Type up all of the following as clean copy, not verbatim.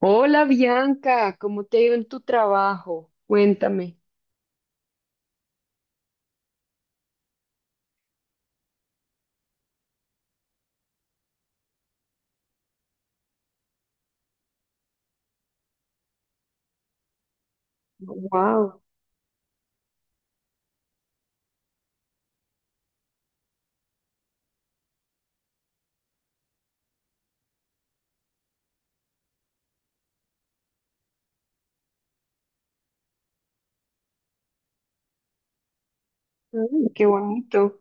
Hola Bianca, ¿cómo te ha ido en tu trabajo? Cuéntame. Wow, qué bonito,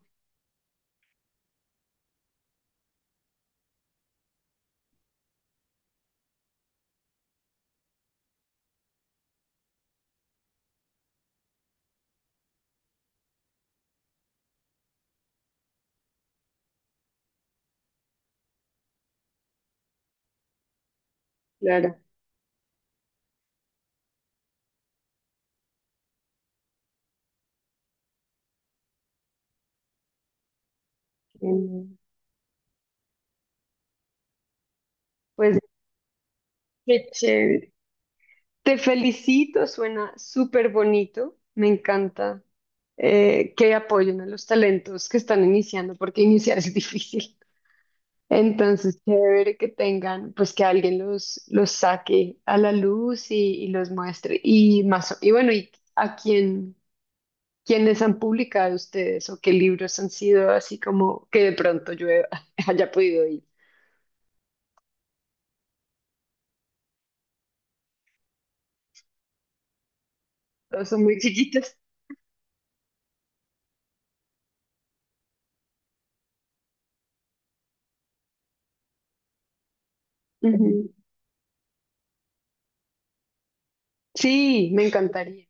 claro. Mm. Pues qué chévere. Te felicito, suena súper bonito. Me encanta que apoyen a los talentos que están iniciando, porque iniciar es difícil. Entonces, chévere que tengan, pues que alguien los saque a la luz y los muestre. Y más, y bueno, y a quién. ¿Quiénes han publicado ustedes o qué libros han sido así como que de pronto yo he- haya podido ir? Todos son muy chiquitos. Ujú. Sí, me encantaría.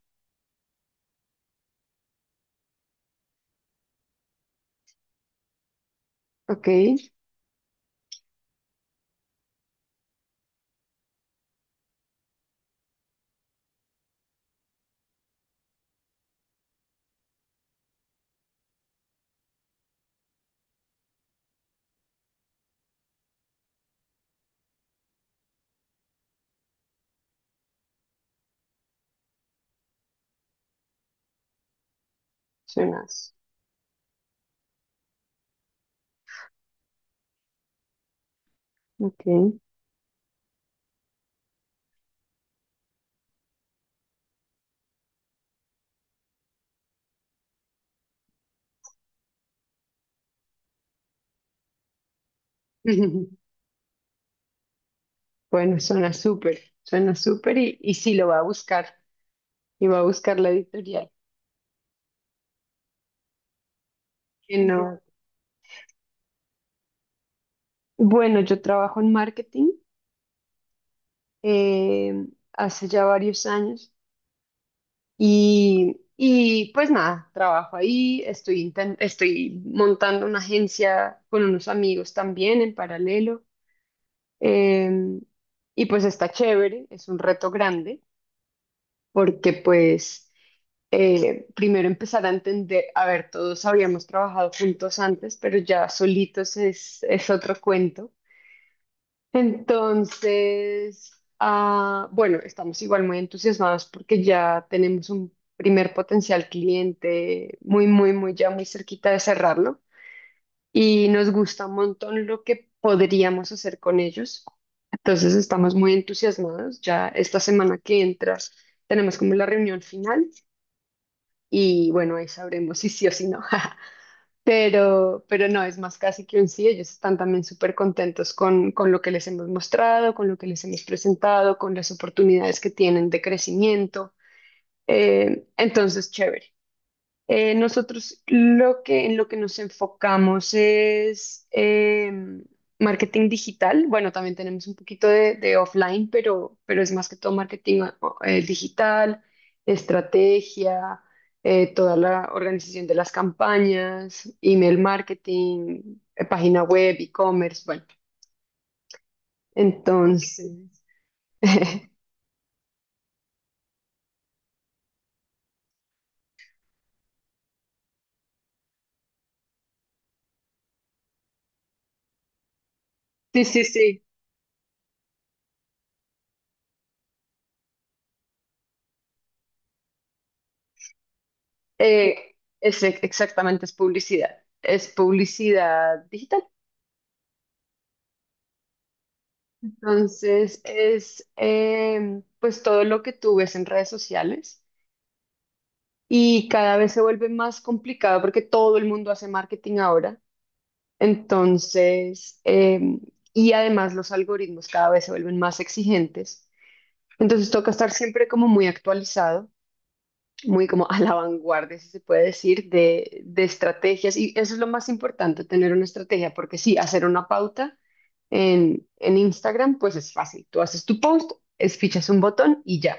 Ok, suenas. Ok. Ujú. Bueno, suena súper y sí lo va a buscar, y va a buscar la editorial. Que no. Bueno, yo trabajo en marketing eh, hace ya varios años. Y pues nada, trabajo ahí, estoy, estoy montando una agencia con unos amigos también en paralelo. em, y pues está chévere, es un reto grande, porque pues primero empezar a entender, a ver, todos habíamos trabajado juntos antes, pero ya solitos es otro cuento. Entonces, bueno, estamos igual muy entusiasmados porque ya tenemos un primer potencial cliente muy, muy, muy, ya muy cerquita de cerrarlo y nos gusta un montón lo que podríamos hacer con ellos. Entonces, estamos muy entusiasmados. Ya esta semana que entra tenemos como la reunión final y bueno, ahí sabremos si sí o si no. Pero no, es más casi que un sí. Ellos están también súper contentos con lo que les hemos mostrado, con lo que les hemos presentado, con las oportunidades que tienen de crecimiento. Entonces, chévere. Nosotros lo que en lo que nos enfocamos es marketing digital. Bueno, también tenemos un poquito de offline, pero es más que todo digital, estrategia, toda la organización de las campañas, email marketing, página web, e-commerce. Bueno, entonces, sí, sí, sí. Exactamente, es publicidad. Es publicidad digital. Entonces es pues todo lo que tú ves en redes sociales y cada vez se vuelve más complicado porque todo el mundo hace marketing ahora. Entonces, y además los algoritmos cada vez se vuelven más exigentes. Entonces toca estar siempre como muy actualizado, muy como a la vanguardia, si se puede decir, de estrategias. Y eso es lo más importante, tener una estrategia, porque sí, hacer una pauta. En Instagram, pues es fácil. Tú haces tu post, es, fichas un botón y ya.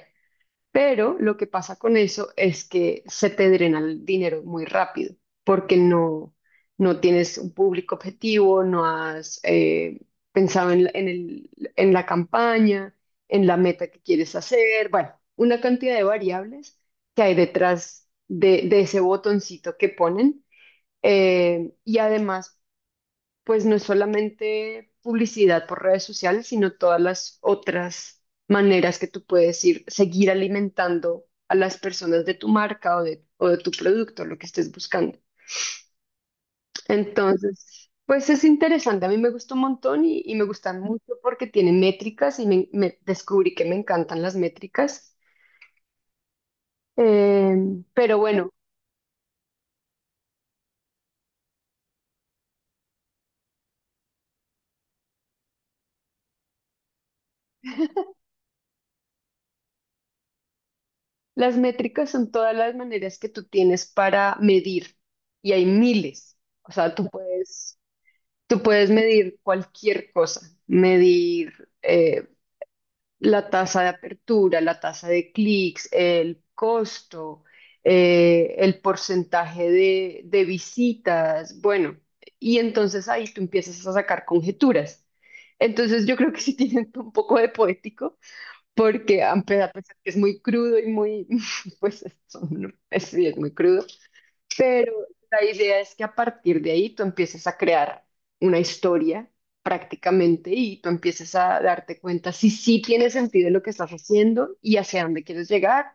Pero lo que pasa con eso es que se te drena el dinero muy rápido porque no, no tienes un público objetivo, no has pensado en, en el, en la campaña, en la meta que quieres hacer. Bueno, una cantidad de variables que hay detrás de ese botoncito que ponen. Y además, pues no es solamente publicidad por redes sociales, sino todas las otras maneras que tú puedes ir, seguir alimentando a las personas de tu marca o de tu producto, lo que estés buscando. Entonces, pues es interesante, a mí me gustó un montón y me gustan mucho porque tiene métricas y descubrí que me encantan las métricas. Eh, pero bueno, las métricas son todas las maneras que tú tienes para medir y hay miles. O sea, tú puedes tú puedes medir cualquier cosa, medir la tasa de apertura, la tasa de clics, el costo, el porcentaje de visitas, bueno, y entonces ahí tú empiezas a sacar conjeturas. Entonces yo creo que sí tienen un poco de poético, porque a pesar que es muy crudo y muy, pues, sí, es muy crudo, pero la idea es que a partir de ahí tú empieces a crear una historia prácticamente y tú empieces a darte cuenta si sí tiene sentido lo que estás haciendo y hacia dónde quieres llegar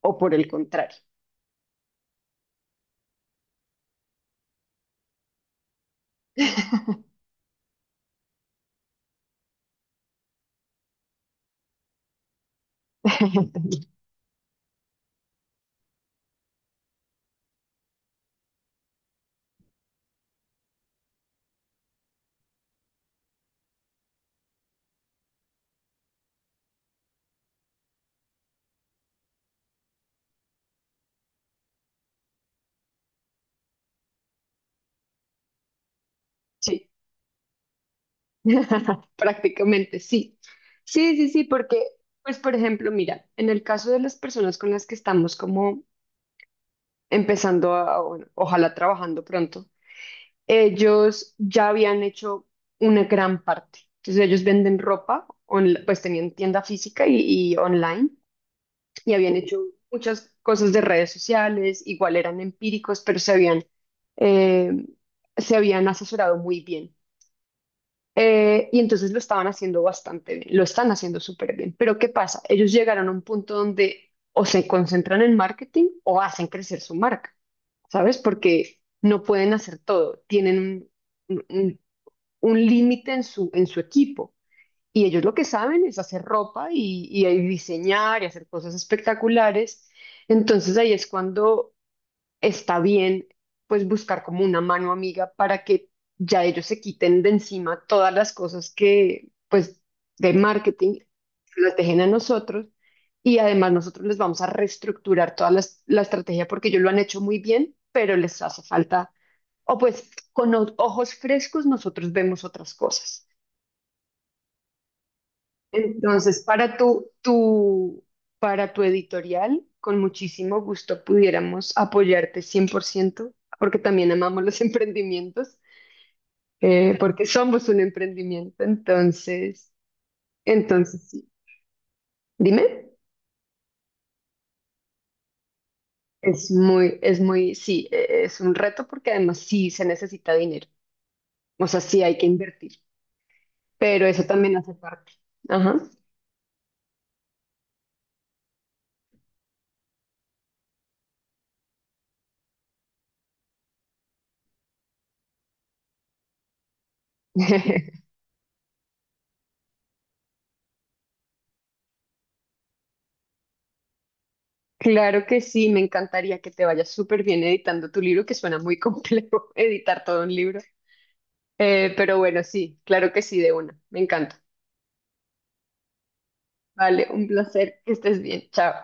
o por el contrario. Sí, prácticamente sí. Sí, sí, sí, porque, pues, por ejemplo, mira, en el caso de las personas con las que estamos como empezando a, bueno, ojalá trabajando pronto ellos ya habían hecho una gran parte. Entonces ellos venden ropa, pues tenían tienda física y online y habían hecho muchas cosas de redes sociales, igual eran empíricos, pero eh, se habían asesorado muy bien. Y entonces lo estaban haciendo bastante bien, lo están haciendo súper bien. Pero ¿qué pasa? Ellos llegaron a un punto donde o se concentran en marketing o hacen crecer su marca, ¿sabes? Porque no pueden hacer todo, tienen un- un- un límite en su equipo. Y ellos lo que saben es hacer ropa y ahí diseñar y hacer cosas espectaculares. Entonces ahí es cuando está bien, pues buscar como una mano amiga para que ya ellos se quiten de encima todas las cosas que, pues, de marketing, las dejen a nosotros. Y además nosotros les vamos a reestructurar toda la estrategia porque ellos lo han hecho muy bien, pero les hace falta, o pues con ojos frescos nosotros vemos otras cosas. Entonces, para tu, tu, para tu editorial, con muchísimo gusto pudiéramos apoyarte 100%, porque también amamos los emprendimientos, porque somos un emprendimiento. Entonces, entonces sí. Dime, es muy, sí, es un reto porque además sí se necesita dinero. O sea, sí hay que invertir, pero eso también hace parte. Ajá. Claro que sí, me encantaría que te vayas súper bien editando tu libro, que suena muy complejo editar todo un libro. Pero bueno, sí, claro que sí, de una. Me encanta. Vale, un placer, que estés bien. Chao.